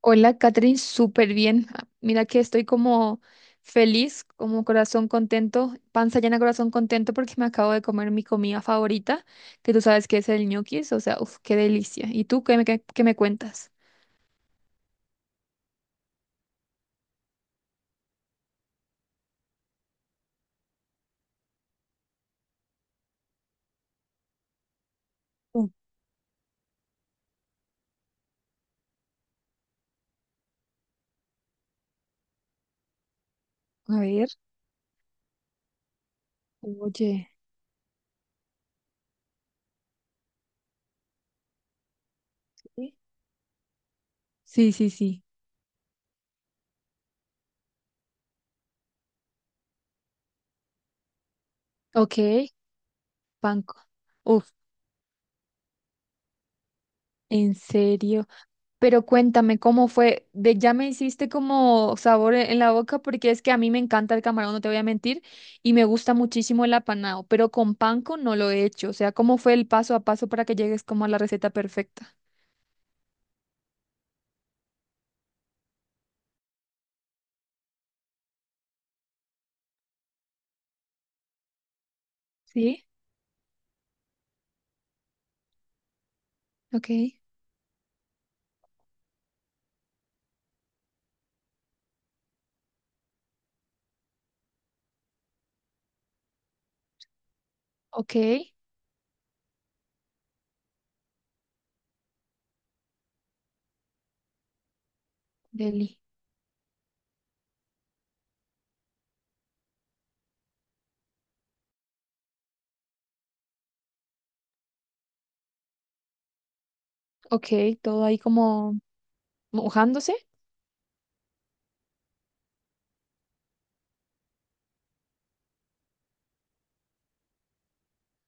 Hola, Catherine, súper bien. Ah, mira que estoy como feliz, como corazón contento, panza llena, corazón contento porque me acabo de comer mi comida favorita, que tú sabes que es el ñoquis, o sea, uff, qué delicia. ¿Y tú qué me cuentas? Mm, a ver. Oye, sí. Sí, sí, sí. Ok, panco. Uf, en serio. Pero cuéntame cómo fue, de ya me hiciste como sabor en la boca porque es que a mí me encanta el camarón, no te voy a mentir, y me gusta muchísimo el apanado, pero con panko no lo he hecho, o sea, ¿cómo fue el paso a paso para que llegues como a la receta perfecta? Sí, ok, ok, deli, ok, todo ahí como mojándose,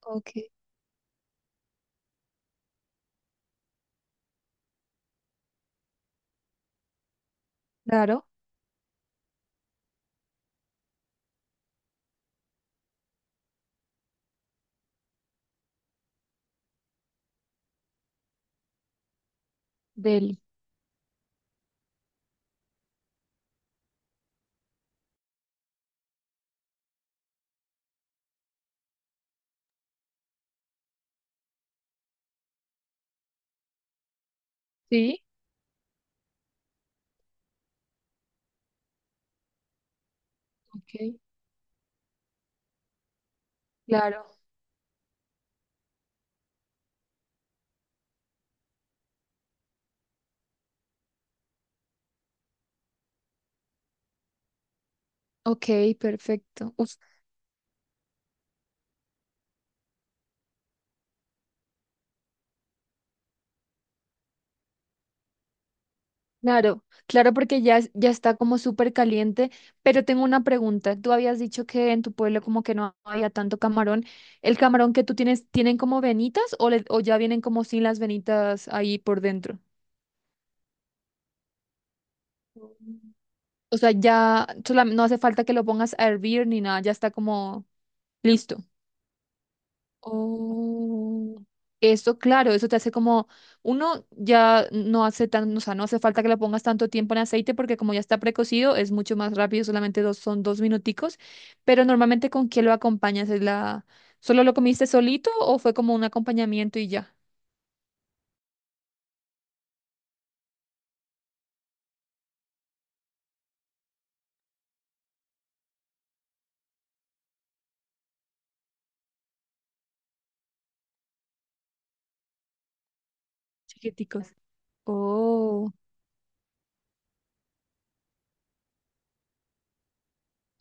ok, claro, deli, sí, ok, claro, ok, perfecto. Claro, claro, porque ya, es- ya está como súper caliente, pero tengo una pregunta. Tú habías dicho que en tu pueblo como que no había tanto camarón. ¿El camarón que tú tienes, tienen como venitas o, le- o ya vienen como sin las venitas ahí por dentro? Mm. O sea, ya solam- no hace falta que lo pongas a hervir ni nada, ya está como listo. Oh, eso, claro, eso te hace como, uno ya no hace tan, o sea, no hace falta que le pongas tanto tiempo en aceite porque como ya está precocido es mucho más rápido, solamente dos, son dos minuticos, pero normalmente ¿con qué lo acompañas? ¿Es la, solo lo comiste solito o fue como un acompañamiento y ya? Chiquiticos. Oh,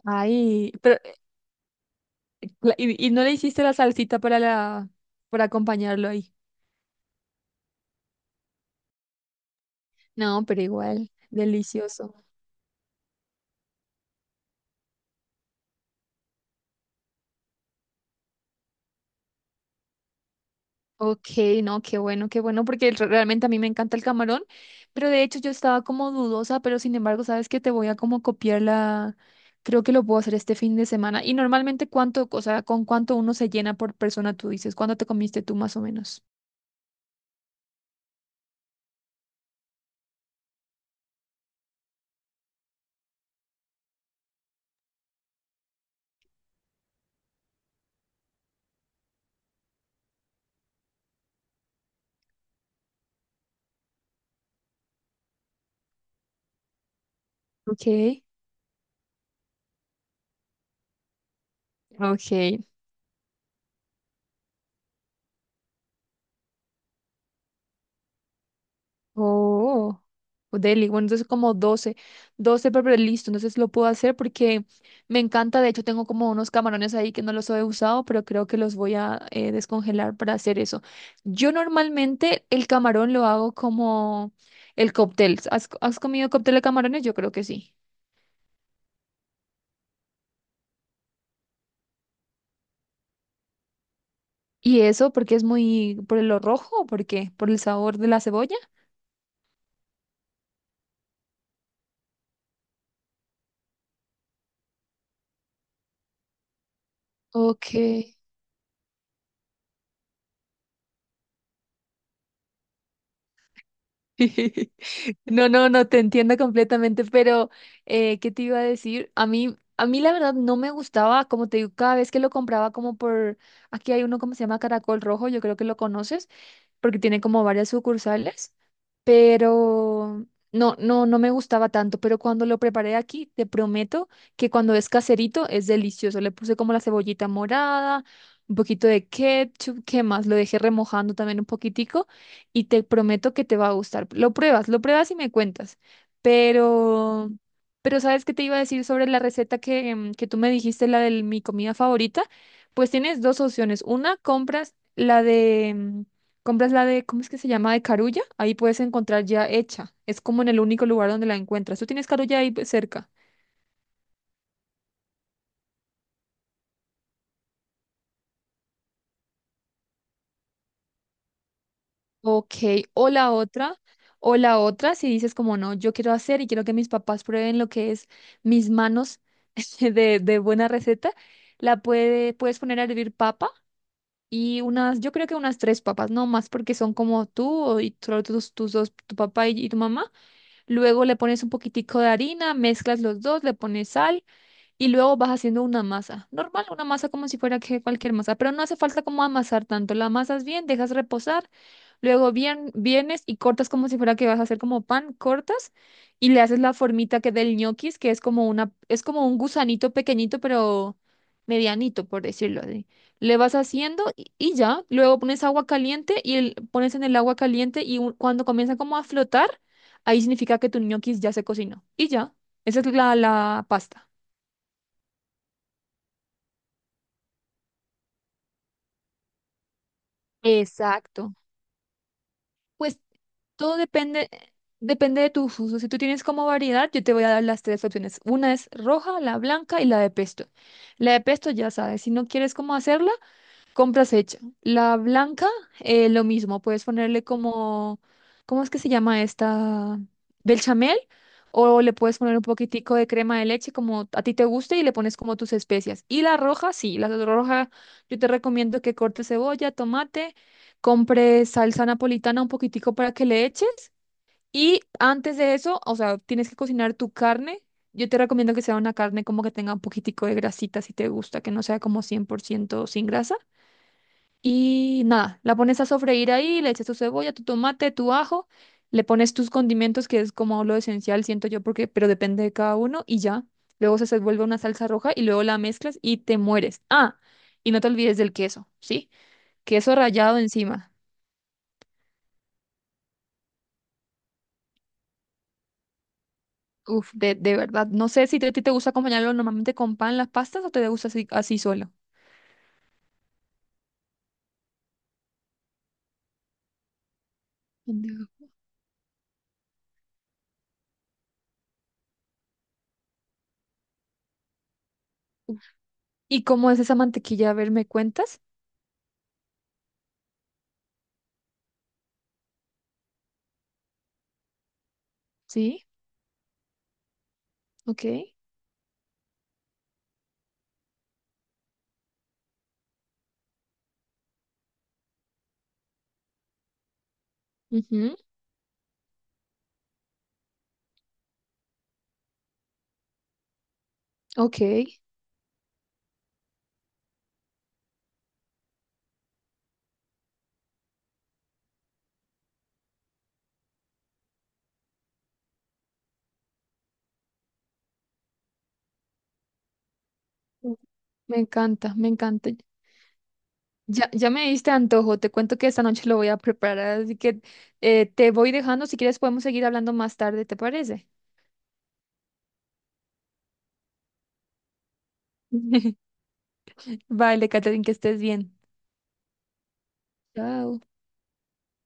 ay, pero la- y no le hiciste la salsita para la, para acompañarlo ahí. No, pero igual, delicioso. Ok, no, qué bueno, porque re- realmente a mí me encanta el camarón, pero de hecho yo estaba como dudosa, pero sin embargo, sabes que te voy a como copiar la, creo que lo puedo hacer este fin de semana. Y normalmente cuánto, o sea, con cuánto uno se llena por persona, tú dices, ¿cuánto te comiste tú más o menos? Ok, ok, oh, oh, deli, bueno, entonces como 12 12 pero listo, entonces lo puedo hacer porque me encanta, de hecho tengo como unos camarones ahí que no los he usado, pero creo que los voy a descongelar para hacer eso. Yo normalmente el camarón lo hago como el cóctel. ¿Has, has comido cóctel de camarones? Yo creo que sí. ¿Y eso porque es muy por lo rojo o por qué? ¿Por el sabor de la cebolla? Ok. No, no, no, te entiendo completamente, pero ¿qué te iba a decir? A mí la verdad no me gustaba, como te digo, cada vez que lo compraba como por, aquí hay uno como se llama Caracol Rojo, yo creo que lo conoces, porque tiene como varias sucursales, pero no, no, no me gustaba tanto, pero cuando lo preparé aquí, te prometo que cuando es caserito es delicioso. Le puse como la cebollita morada, un poquito de ketchup, ¿qué más? Lo dejé remojando también un poquitico y te prometo que te va a gustar. Lo pruebas y me cuentas. Pero, pero ¿sabes qué te iba a decir sobre la receta que, que tú me dijiste, la de mi comida favorita? Pues tienes dos opciones. Una, compras la de, mm, compras la de, ¿cómo es que se llama? De Carulla. Ahí puedes encontrar ya hecha. Es como en el único lugar donde la encuentras. Tú tienes Carulla ahí pues, cerca. Ok, o la otra, o la otra, si dices como no, yo quiero hacer y quiero que mis papás prueben lo que es mis manos de buena receta, la puede, puedes poner a hervir papa y unas, yo creo que unas tres papas, no más porque son como tú o- y solo tus dos, tu papá y tu mamá. Luego le pones un poquitico de harina, mezclas los dos, le pones sal. Y luego vas haciendo una masa, normal, una masa como si fuera que cualquier masa, pero no hace falta como amasar tanto. La amasas bien, dejas reposar, luego bien, vienes y cortas como si fuera que vas a hacer como pan, cortas y le haces la formita que del ñoquis, que es como una, es como un gusanito pequeñito, pero medianito, por decirlo así. Le vas haciendo y ya, luego pones agua caliente y el- pones en el agua caliente y un- cuando comienza como a flotar, ahí significa que tu ñoquis ya se cocinó y ya. Esa es la, la pasta. Exacto. Pues todo depende, depende de tus usos. Si tú tienes como variedad, yo te voy a dar las tres opciones. Una es roja, la blanca y la de pesto. La de pesto ya sabes, si no quieres cómo hacerla, compras hecha. La blanca, lo mismo, puedes ponerle como, ¿cómo es que se llama esta? Bechamel, o le puedes poner un poquitico de crema de leche como a ti te guste y le pones como tus especias. Y la roja, sí, la roja, yo te recomiendo que cortes cebolla, tomate, compres salsa napolitana un poquitico para que le eches. Y antes de eso, o sea, tienes que cocinar tu carne. Yo te recomiendo que sea una carne como que tenga un poquitico de grasita si te gusta, que no sea como 100% sin grasa. Y nada, la pones a sofreír ahí, le echas tu cebolla, tu tomate, tu ajo, le pones tus condimentos, que es como lo esencial, siento yo, porque, pero depende de cada uno, y ya. Luego se vuelve una salsa roja y luego la mezclas y te mueres. Ah, y no te olvides del queso, ¿sí? Queso rallado encima. Uf, de verdad. No sé si te- a ti te gusta acompañarlo normalmente con pan, las pastas, o te gusta así, así solo. Pendejo. Uf. ¿Y cómo es esa mantequilla? A ver, ¿me cuentas? Sí, ok. Ujú, ok. Uf, me encanta, me encanta. Ya, ya me diste antojo, te cuento que esta noche lo voy a preparar, así que te voy dejando, si quieres podemos seguir hablando más tarde, ¿te parece? Vale, Catherine, que estés bien. Chao.